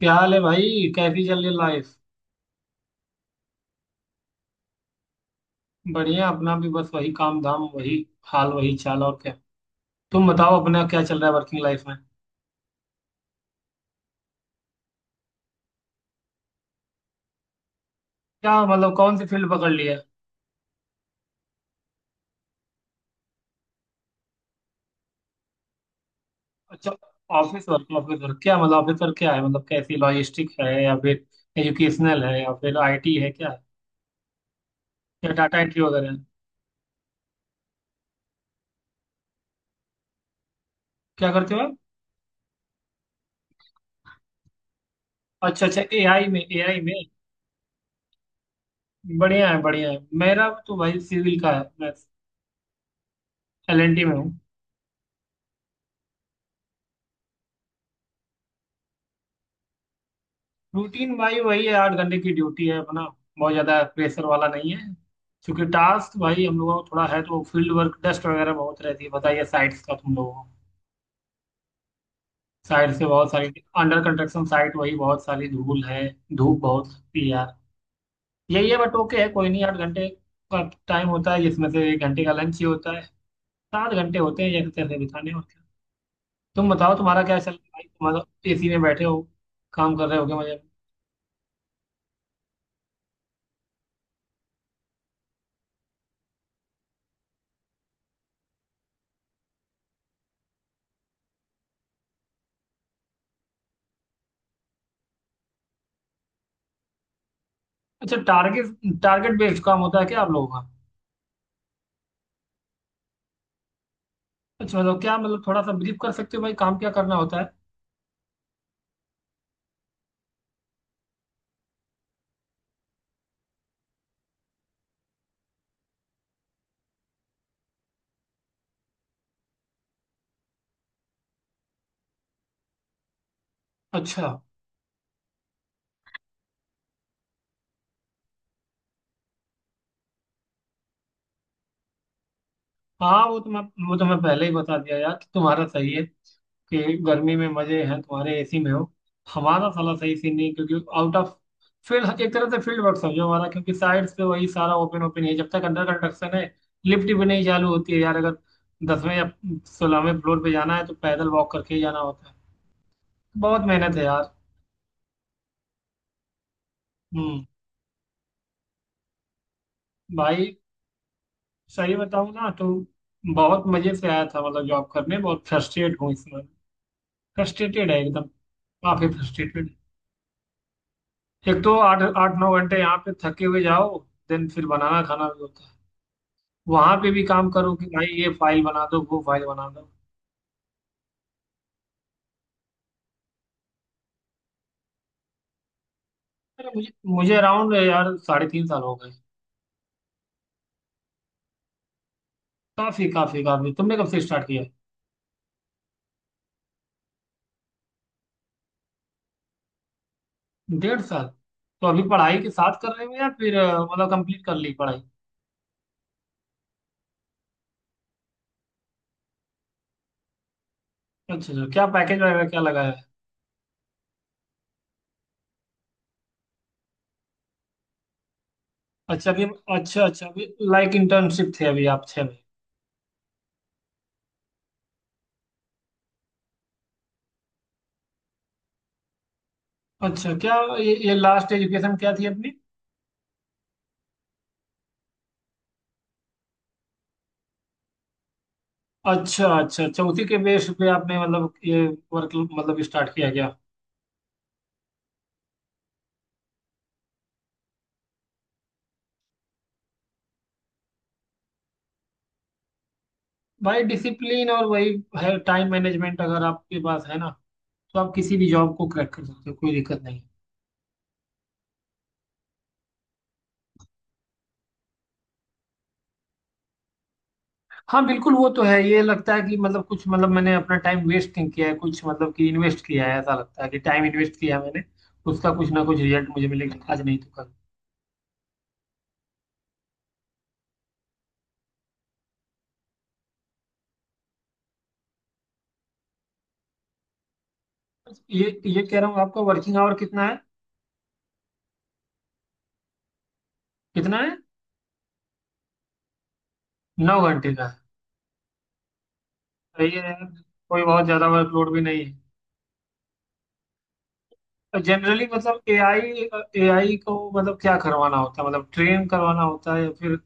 क्या हाल है भाई। कैसी चल रही लाइफ। बढ़िया, अपना भी बस वही काम धाम, वही हाल वही चाल, और क्या। तुम बताओ, अपना क्या चल रहा है वर्किंग लाइफ में। क्या मतलब, कौन सी फील्ड पकड़ ली है। अच्छा। ऑफिस वर्क ऑफिस वर्क, क्या मतलब ऑफिस वर्क क्या है, मतलब कैसी लॉजिस्टिक है या फिर एजुकेशनल है या फिर आईटी है क्या। या डाटा एंट्री वगैरह है। क्या करते हो आप। अच्छा अच्छा, एआई में, एआई में। बढ़िया है बढ़िया है। मेरा तो भाई सिविल का है, मैं एलएनटी में हूँ। रूटीन भाई वही है, 8 घंटे की ड्यूटी है अपना, बहुत ज्यादा प्रेशर वाला नहीं है। क्योंकि टास्क भाई हम लोगों को थोड़ा है, तो फील्ड वर्क, डस्ट वगैरह बहुत रहती है। बताइए, साइट्स का तुम लोगों को साइट से बहुत सारी अंडर कंस्ट्रक्शन साइट, वही बहुत सारी धूल है, धूप बहुत होती है यार। यही है, बट ओके है, कोई नहीं। 8 घंटे का टाइम होता है, जिसमें से 1 घंटे का लंच ही होता है। 7 घंटे होते हैं एक तरह से बिताने, और क्या। तुम बताओ, तुम्हारा क्या चल रहा है भाई, तुम्हारा। एसी में बैठे हो, काम कर रहे हो, क्या मजे में? अच्छा, टारगेट, टारगेट बेस्ड काम होता है क्या आप लोगों का। अच्छा, मतलब क्या, मतलब थोड़ा सा ब्रीफ कर सकते हो भाई, काम क्या करना होता है। अच्छा। हाँ, वो तो मैं पहले ही बता दिया यार कि तुम्हारा सही है, कि गर्मी में मजे हैं तुम्हारे, एसी में हो। हमारा साला सही सीन नहीं, क्योंकि आउट ऑफ फील्ड, एक तरह से फील्ड वर्क समझो हमारा, क्योंकि साइड से वही सारा ओपन ओपन है जब तक अंडर कंस्ट्रक्शन है। लिफ्ट भी नहीं चालू होती है यार, अगर 10वें या 16वें फ्लोर पे जाना है, तो पैदल वॉक करके ही जाना होता है। बहुत मेहनत है यार। हम्म। भाई सही बताऊं ना, तो बहुत मजे से आया था मतलब जॉब करने, बहुत फ्रस्ट्रेट हूँ इसमें। फ्रस्ट्रेटेड है एकदम, काफी फ्रस्ट्रेटेड। एक तो 8-8, 9 घंटे यहाँ पे थके हुए जाओ, देन फिर बनाना खाना भी होता है, वहां पे भी काम करो कि भाई ये फाइल बना दो वो फाइल बना दो। अरे मुझे मुझे अराउंड यार 3.5 साल हो गए। काफी काफी काफी। तुमने कब से स्टार्ट किया है? 1.5 साल। तो अभी पढ़ाई के साथ कर रहे हो, या फिर मतलब कंप्लीट कर ली पढ़ाई। अच्छा अच्छा, क्या पैकेज वगैरह क्या लगाया है। अच्छा, अभी। अच्छा अच्छा, अभी लाइक इंटर्नशिप थे अभी आप छह में। अच्छा, क्या ये लास्ट एजुकेशन क्या थी अपनी। अच्छा अच्छा अच्छा, उसी के बेस पे आपने मतलब ये वर्क मतलब स्टार्ट किया गया। भाई डिसिप्लिन, और वही है टाइम मैनेजमेंट, अगर आपके पास है ना, तो आप किसी भी जॉब को क्रैक कर सकते हो, कोई दिक्कत नहीं। हाँ बिल्कुल, वो तो है। ये लगता है कि मतलब कुछ, मतलब मैंने अपना टाइम वेस्ट नहीं किया है कुछ, मतलब कि इन्वेस्ट किया है, ऐसा लगता है कि टाइम इन्वेस्ट किया है मैंने। उसका कुछ ना कुछ रिजल्ट मुझे मिलेगा, आज नहीं तो कल। ये कह रहा हूँ, आपका वर्किंग आवर कितना है। कितना है। 9 घंटे का है। सही है यार, कोई बहुत ज्यादा वर्कलोड भी नहीं है। जनरली मतलब एआई, एआई को मतलब क्या करवाना होता है, मतलब ट्रेन करवाना होता है, या फिर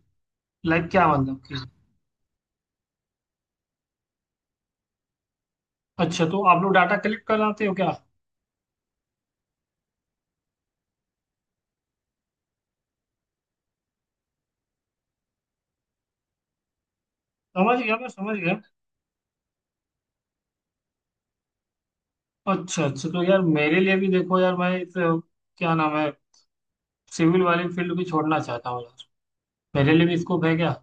लाइक क्या मतलब कि। अच्छा, तो आप लोग डाटा कलेक्ट कराते हो क्या। समझ गया, मैं समझ गया। अच्छा अच्छा, तो यार मेरे लिए भी देखो यार, मैं इस क्या नाम है, सिविल वाली फील्ड भी छोड़ना चाहता हूँ यार। मेरे लिए भी स्कोप है क्या।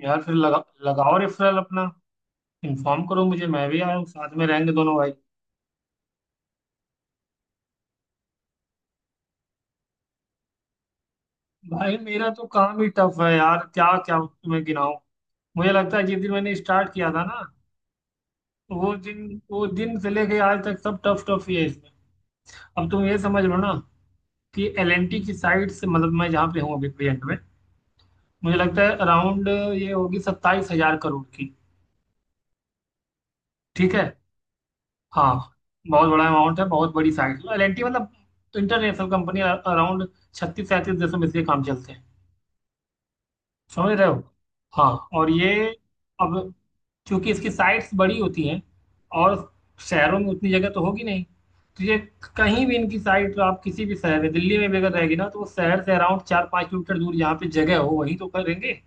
यार फिर लगा, लगाओ रेफरल अपना, इन्फॉर्म करो मुझे, मैं भी आया हूँ, साथ में रहेंगे दोनों भाई। भाई मेरा तो काम ही टफ है यार, क्या क्या तुम्हें गिनाऊं। मुझे लगता है जिस दिन मैंने स्टार्ट किया था ना, वो दिन से लेके आज तक सब टफ टफ ही है इसमें। अब तुम ये समझ लो ना, कि एलएनटी की साइड से मतलब मैं जहाँ पे हूँ अभी प्रेजेंट में, मुझे लगता है अराउंड ये होगी 27,000 करोड़ की। ठीक है। हाँ। बहुत बड़ा अमाउंट है, बहुत बड़ी साइट है। एलएनटी मतलब इंटरनेशनल कंपनी, अराउंड 36-37 देशों में इसके काम चलते हैं, समझ रहे हो। हाँ, और ये, अब क्योंकि इसकी साइट्स बड़ी होती हैं, और शहरों में उतनी जगह तो होगी नहीं, तो ये कहीं भी इनकी साइट, तो आप किसी भी शहर में, दिल्ली में भी अगर रहेगी ना, तो वो शहर से अराउंड 4-5 किलोमीटर दूर जहाँ पे जगह हो वहीं तो करेंगे,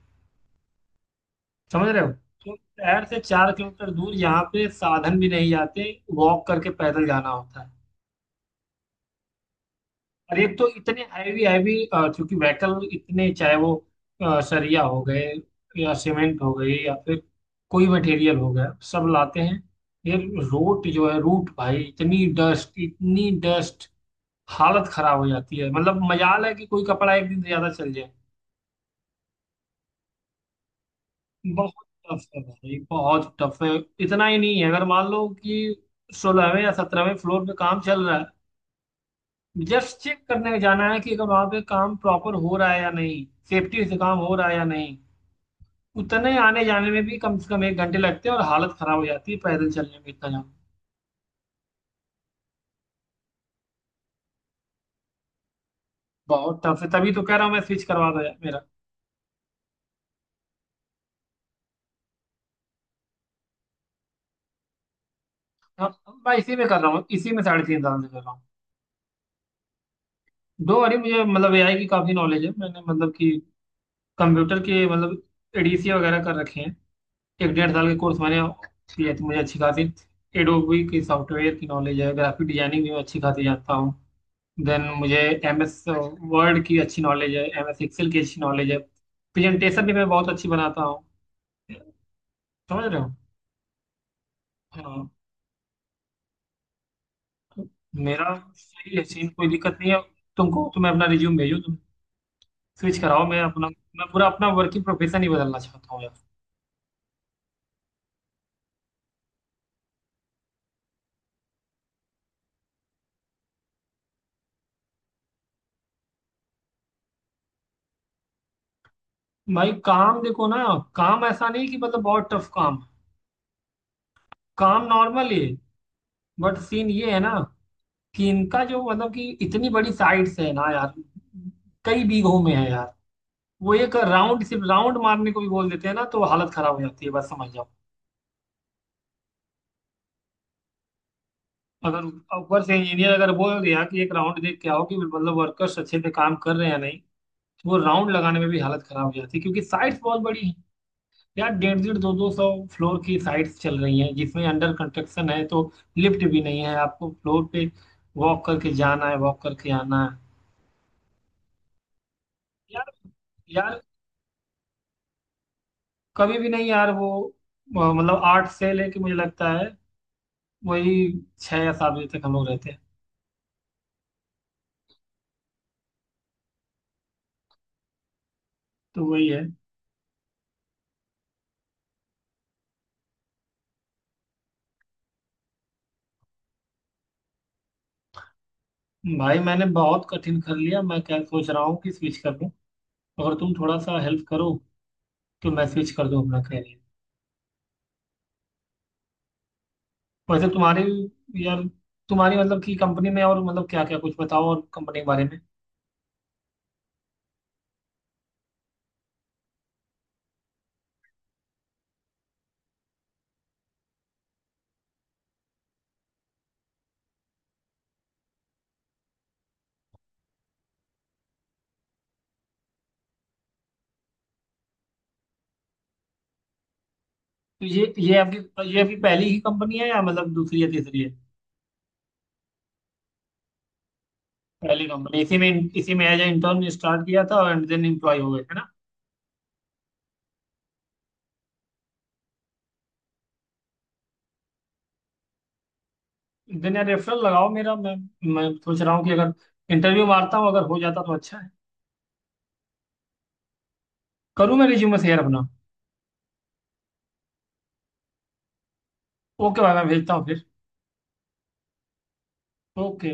समझ रहे हो। तो शहर से 4 किलोमीटर दूर, जहाँ पे साधन भी नहीं जाते, वॉक करके पैदल जाना होता है। और एक तो इतने हैवी हैवी क्योंकि व्हीकल, इतने चाहे वो सरिया हो गए, या सीमेंट हो गई, या फिर कोई मटेरियल हो गया, सब लाते हैं। ये रोड जो है रूट भाई, इतनी डस्ट, इतनी डस्ट, हालत खराब हो जाती है। मतलब मजाल है कि कोई कपड़ा एक दिन ज्यादा चल जाए। बहुत टफ है भाई, बहुत टफ है। इतना ही नहीं है, अगर मान लो कि 16वें या 17वें फ्लोर पे काम चल रहा है, जस्ट चेक करने जाना है कि अगर वहां पे काम प्रॉपर हो रहा है या नहीं, सेफ्टी से काम हो रहा है या नहीं, उतने आने जाने में भी कम से कम 1 घंटे लगते हैं, और हालत खराब हो जाती है पैदल चलने में, इतना जाम। बहुत टफ है, तभी तो कह रहा हूँ मैं, स्विच करवा दो यार मेरा। हाँ, मैं इसी में कर रहा हूँ, इसी में 3.5 साल से कर रहा हूँ। दो, अरे मुझे मतलब एआई की काफी नॉलेज है, मैंने मतलब कि कंप्यूटर के मतलब एडीसी वगैरह कर रखे हैं, 1-1.5 साल के कोर्स मैंने किया, तो मुझे अच्छी खासी एडोबी की सॉफ्टवेयर की नॉलेज है। ग्राफिक डिजाइनिंग भी मैं अच्छी खासी जानता हूँ। देन मुझे एम एस वर्ड की अच्छी नॉलेज है, एम एस एक्सेल की अच्छी नॉलेज है, प्रेजेंटेशन भी मैं बहुत अच्छी बनाता हूँ, समझ रहे हो। हाँ। तो मेरा सही है सीन, कोई दिक्कत नहीं है। तुमको तो मैं अपना रिज्यूम भेजो, तुम स्विच कराओ मैं अपना। मैं पूरा अपना वर्किंग प्रोफेशन ही बदलना चाहता हूँ यार। भाई काम देखो ना, काम ऐसा नहीं कि मतलब बहुत टफ काम, काम नॉर्मल ही है, बट सीन ये है ना कि इनका जो मतलब कि इतनी बड़ी साइट्स है ना यार, कई बीघों में है यार। वो एक राउंड, सिर्फ राउंड मारने को भी बोल देते हैं ना, तो हालत खराब हो जाती है, बस समझ जाओ। अगर ऊपर से इंजीनियर अगर बोल दिया कि एक राउंड देख के आओ, कि मतलब वर्कर्स अच्छे से काम कर रहे हैं या नहीं, तो वो राउंड लगाने में भी हालत खराब हो जाती है क्योंकि साइट्स बहुत बड़ी हैं यार। डेढ़ डेढ़, 2-2 सौ फ्लोर की साइट्स चल रही हैं, जिसमें अंडर कंस्ट्रक्शन है, तो लिफ्ट भी नहीं है, आपको फ्लोर पे वॉक करके जाना है, वॉक करके आना है। यार, यार, कभी भी नहीं यार। वो मतलब 8 से लेके मुझे लगता है, वही 6 या 7 बजे तक हम लोग रहते हैं। तो वही है। भाई मैंने बहुत कठिन कर लिया, मैं क्या सोच रहा हूँ कि स्विच कर दूं, अगर तुम थोड़ा सा हेल्प करो, तो मैं स्विच कर दूं अपना करियर। वैसे तुम्हारी, यार तुम्हारी मतलब कि कंपनी में, और मतलब क्या क्या कुछ बताओ और कंपनी के बारे में। तो ये आपकी पहली ही कंपनी है, या मतलब दूसरी या तीसरी है। पहली कंपनी, इसी में, इसी में एज इंटर्न स्टार्ट किया था एंड देन एम्प्लॉय हो गए, है ना। देन यार रेफरल लगाओ मेरा, मैं सोच रहा हूँ कि अगर इंटरव्यू मारता हूँ, अगर हो जाता तो अच्छा है। करूँ मैं रिज्यूमे शेयर अपना। ओके भाई, मैं भेजता हूँ फिर। ओके।